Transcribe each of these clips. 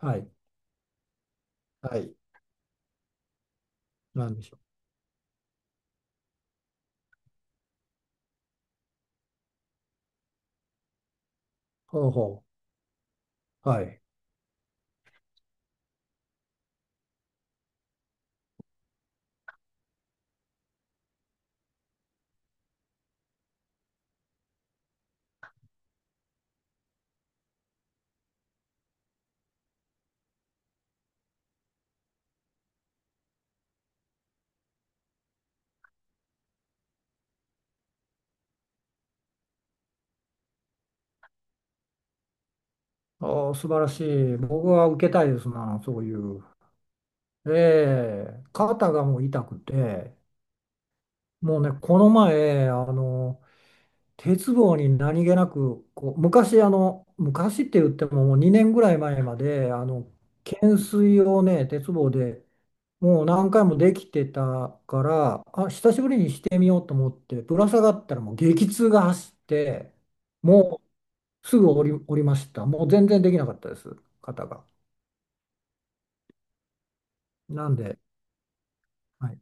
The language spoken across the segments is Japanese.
はい。はい。なんでしょう。ほうほう。はい。おー、素晴らしい。僕は受けたいですな、そういう。ええ、肩がもう痛くて、もうね、この前、鉄棒に何気なく、こう、昔、あの、昔って言ってももう2年ぐらい前まで、懸垂をね、鉄棒でもう何回もできてたから、あ、久しぶりにしてみようと思って、ぶら下がったらもう激痛が走って、もうすぐ降りました。もう全然できなかったです、方が。なんで、はい、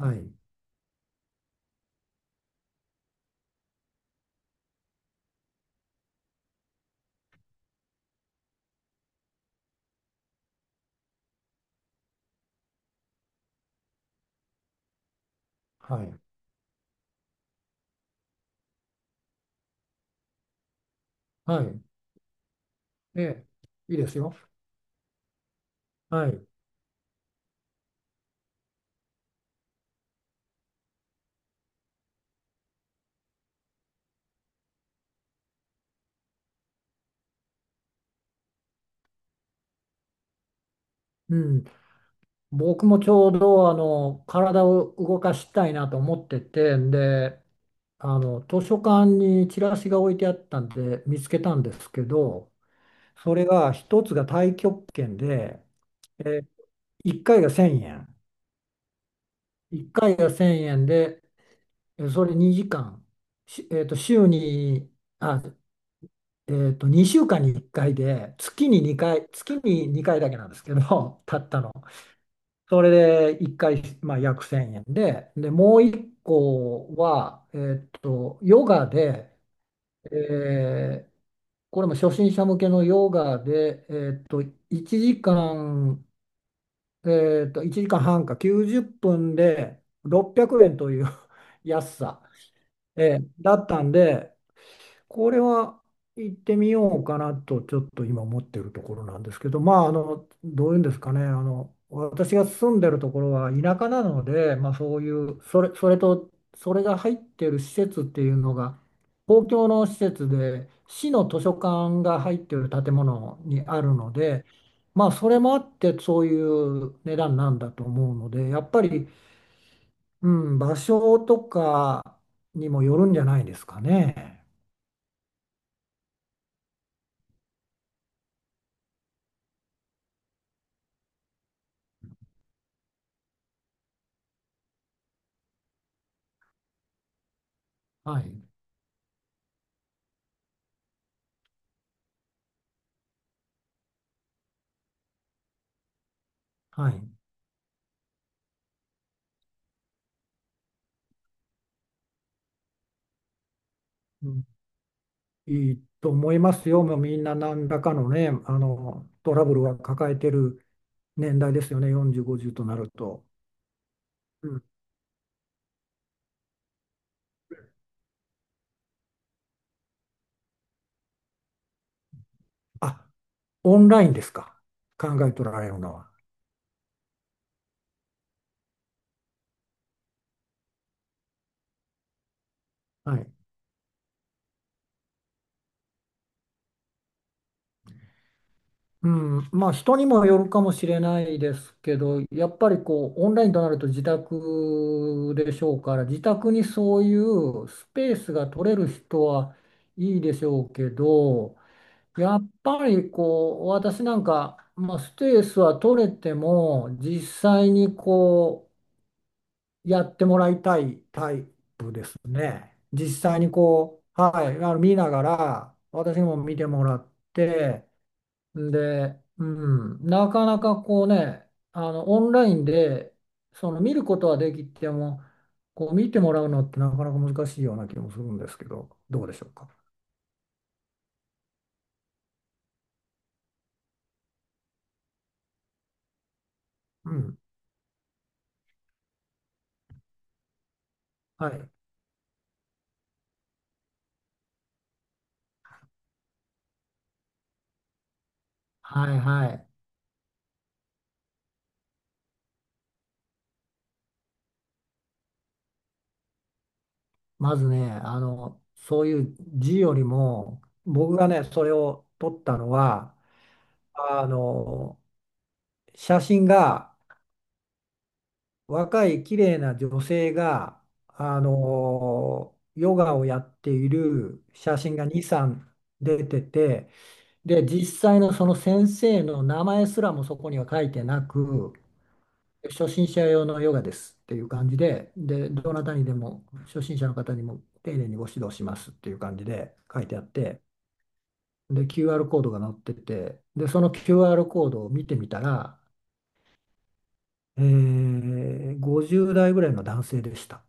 はい、はい、はい、ええ、いいですよ。はい、うん。僕もちょうど、体を動かしたいなと思ってて、で、図書館にチラシが置いてあったんで、見つけたんですけど、それが一つが太極拳で、え、1回が1000円。1回が1000円で、それ2時間、しえっと、週に、あ、2週間に1回で、月に2回、月に2回だけなんですけど、たったの。それで1回、まあ、約1000円で、もう1個は、ヨガで、えーこれも初心者向けのヨガで、1時間、1時間半か90分で600円という 安さ、だったんで、これは行ってみようかなとちょっと今思ってるところなんですけど、まあ、どういうんですかね、私が住んでるところは田舎なので、まあ、そういうそれ、それとそれが入ってる施設っていうのが公共の施設で、市の図書館が入ってる建物にあるので、まあ、それもあってそういう値段なんだと思うので、やっぱり、うん、場所とかにもよるんじゃないですかね。はい、はい、うん、いいと思いますよ。もうみんな何らかのね、トラブルは抱えてる年代ですよね。40、50となると。うん。あ、オンラインですか。考えとられるのは。はい。うん。まあ、人にもよるかもしれないですけど、やっぱりこう、オンラインとなると自宅でしょうから、自宅にそういうスペースが取れる人はいいでしょうけど、やっぱりこう、私なんか、まあ、スペースは取れても実際にこうやってもらいたいタイプね、実際にこう、はい、見ながら私にも見てもらって、で、うん、なかなかこうね、オンラインでその見ることはできても、こう見てもらうのってなかなか難しいような気もするんですけど、どうでしょうか。うん、はい、はい、はい、まずね、そういう字よりも、僕がね、それを撮ったのは、あの、写真が、若い綺麗な女性が、ヨガをやっている写真が2、3出てて、で、実際のその先生の名前すらもそこには書いてなく、初心者用のヨガですっていう感じで、で、どなたにでも、初心者の方にも丁寧にご指導しますっていう感じで書いてあって、で、QR コードが載ってて、で、その QR コードを見てみたら、50代ぐらいの男性でした。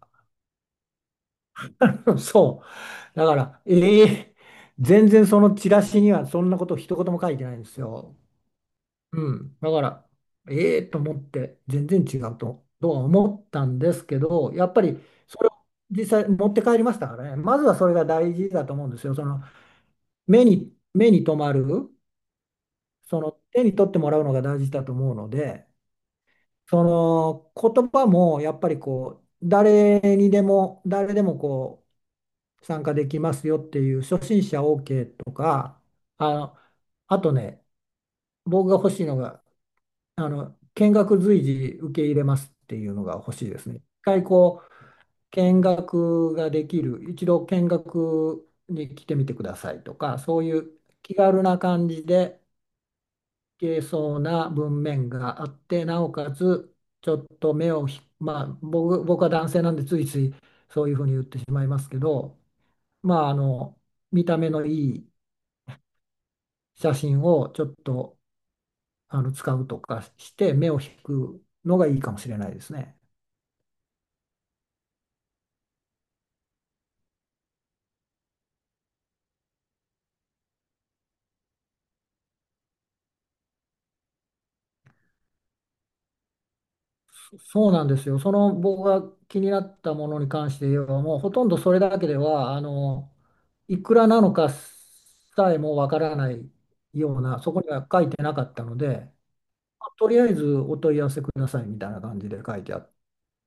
そう。だから、全然そのチラシにはそんなこと一言も書いてないんですよ。うん。だから、えーと思って、全然違うとは思ったんですけど、やっぱり、それを実際持って帰りましたからね。まずはそれが大事だと思うんですよ。その、目に留まる、その、手に取ってもらうのが大事だと思うので、その言葉もやっぱりこう、誰にでも、誰でもこう参加できますよっていう、初心者 OK とか、あのあとね、僕が欲しいのが、見学随時受け入れますっていうのが欲しいですね。一回こう見学ができる、一度見学に来てみてくださいとか、そういう気軽な感じでけそうな文面があって、なおかつちょっと目をひまあ、僕は男性なんでついついそういうふうに言ってしまいますけど、まあ、見た目のいい写真をちょっと使うとかして目を引くのがいいかもしれないですね。そうなんですよ。その、僕が気になったものに関して言えば、もうほとんどそれだけでは、いくらなのかさえもわからないような、そこには書いてなかったので。とりあえずお問い合わせくださいみたいな感じで書いてあっ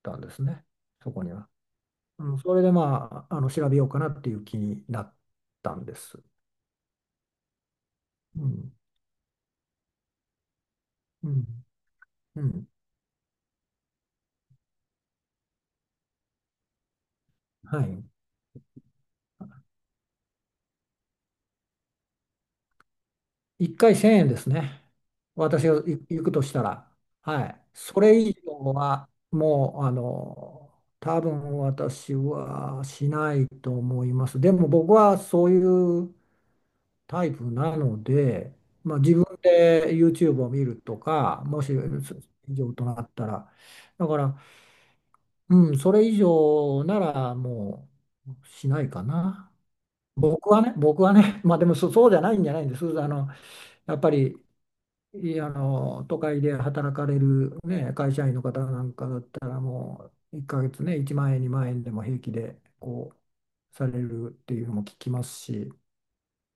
たんですね、そこには。うん、それでまあ、調べようかなっていう気になったんです。うん、うん、うん。はい。1回1000円ですね。私が行くとしたら。はい。それ以上は、もう、多分私はしないと思います。でも僕はそういうタイプなので、まあ、自分で YouTube を見るとか、もしそ以上となったら、だから、うん、それ以上ならもうしないかな。僕はね、まあでも、そうじゃないんじゃないんです。やっぱり、いあの、都会で働かれる、ね、会社員の方なんかだったら、もう1ヶ月ね、1万円、2万円でも平気で、こう、されるっていうのも聞きますし、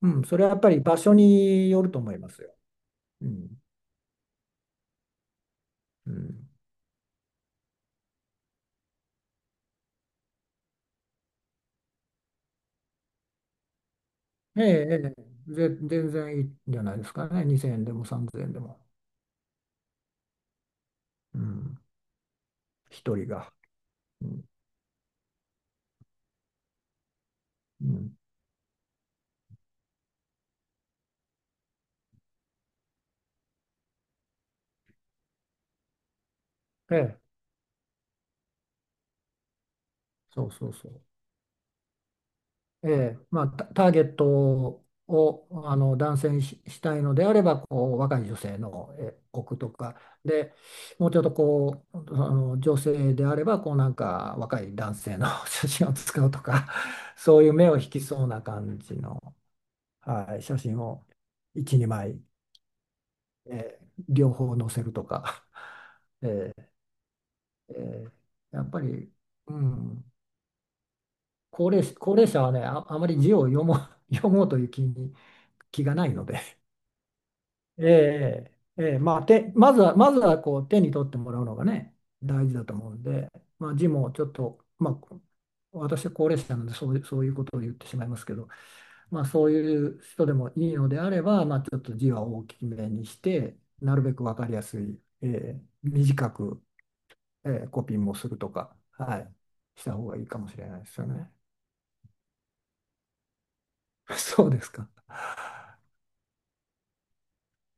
うん、それはやっぱり場所によると思いますよ。うん、うん、ええ、ええ、全然いいんじゃないですかね。2000円でも3000円でも。うん、一人が。うん、うん、ええ、そうそうそう。ええ、まあ、ターゲットを男性にしたいのであれば、こう、若い女性の、置くとか、で、もうちょっとこう、女性であれば、こう、なんか若い男性の 写真を使うとか、そういう目を引きそうな感じの、はい、写真を1、2枚。両方乗せるとか、えーえーやっぱり、うん、高齢者はね、あまり字を読もう、読もうという気がないので、えまあ、まずは、まずはこう手に取ってもらうのがね、大事だと思うんで、まあ、字もちょっと、まあ、私は高齢者なのでそういう、ことを言ってしまいますけど、まあ、そういう人でもいいのであれば、まあ、ちょっと字は大きめにして、なるべく分かりやすい、短くコピーもするとか、はい、した方がいいかもしれないですよね。そうですか。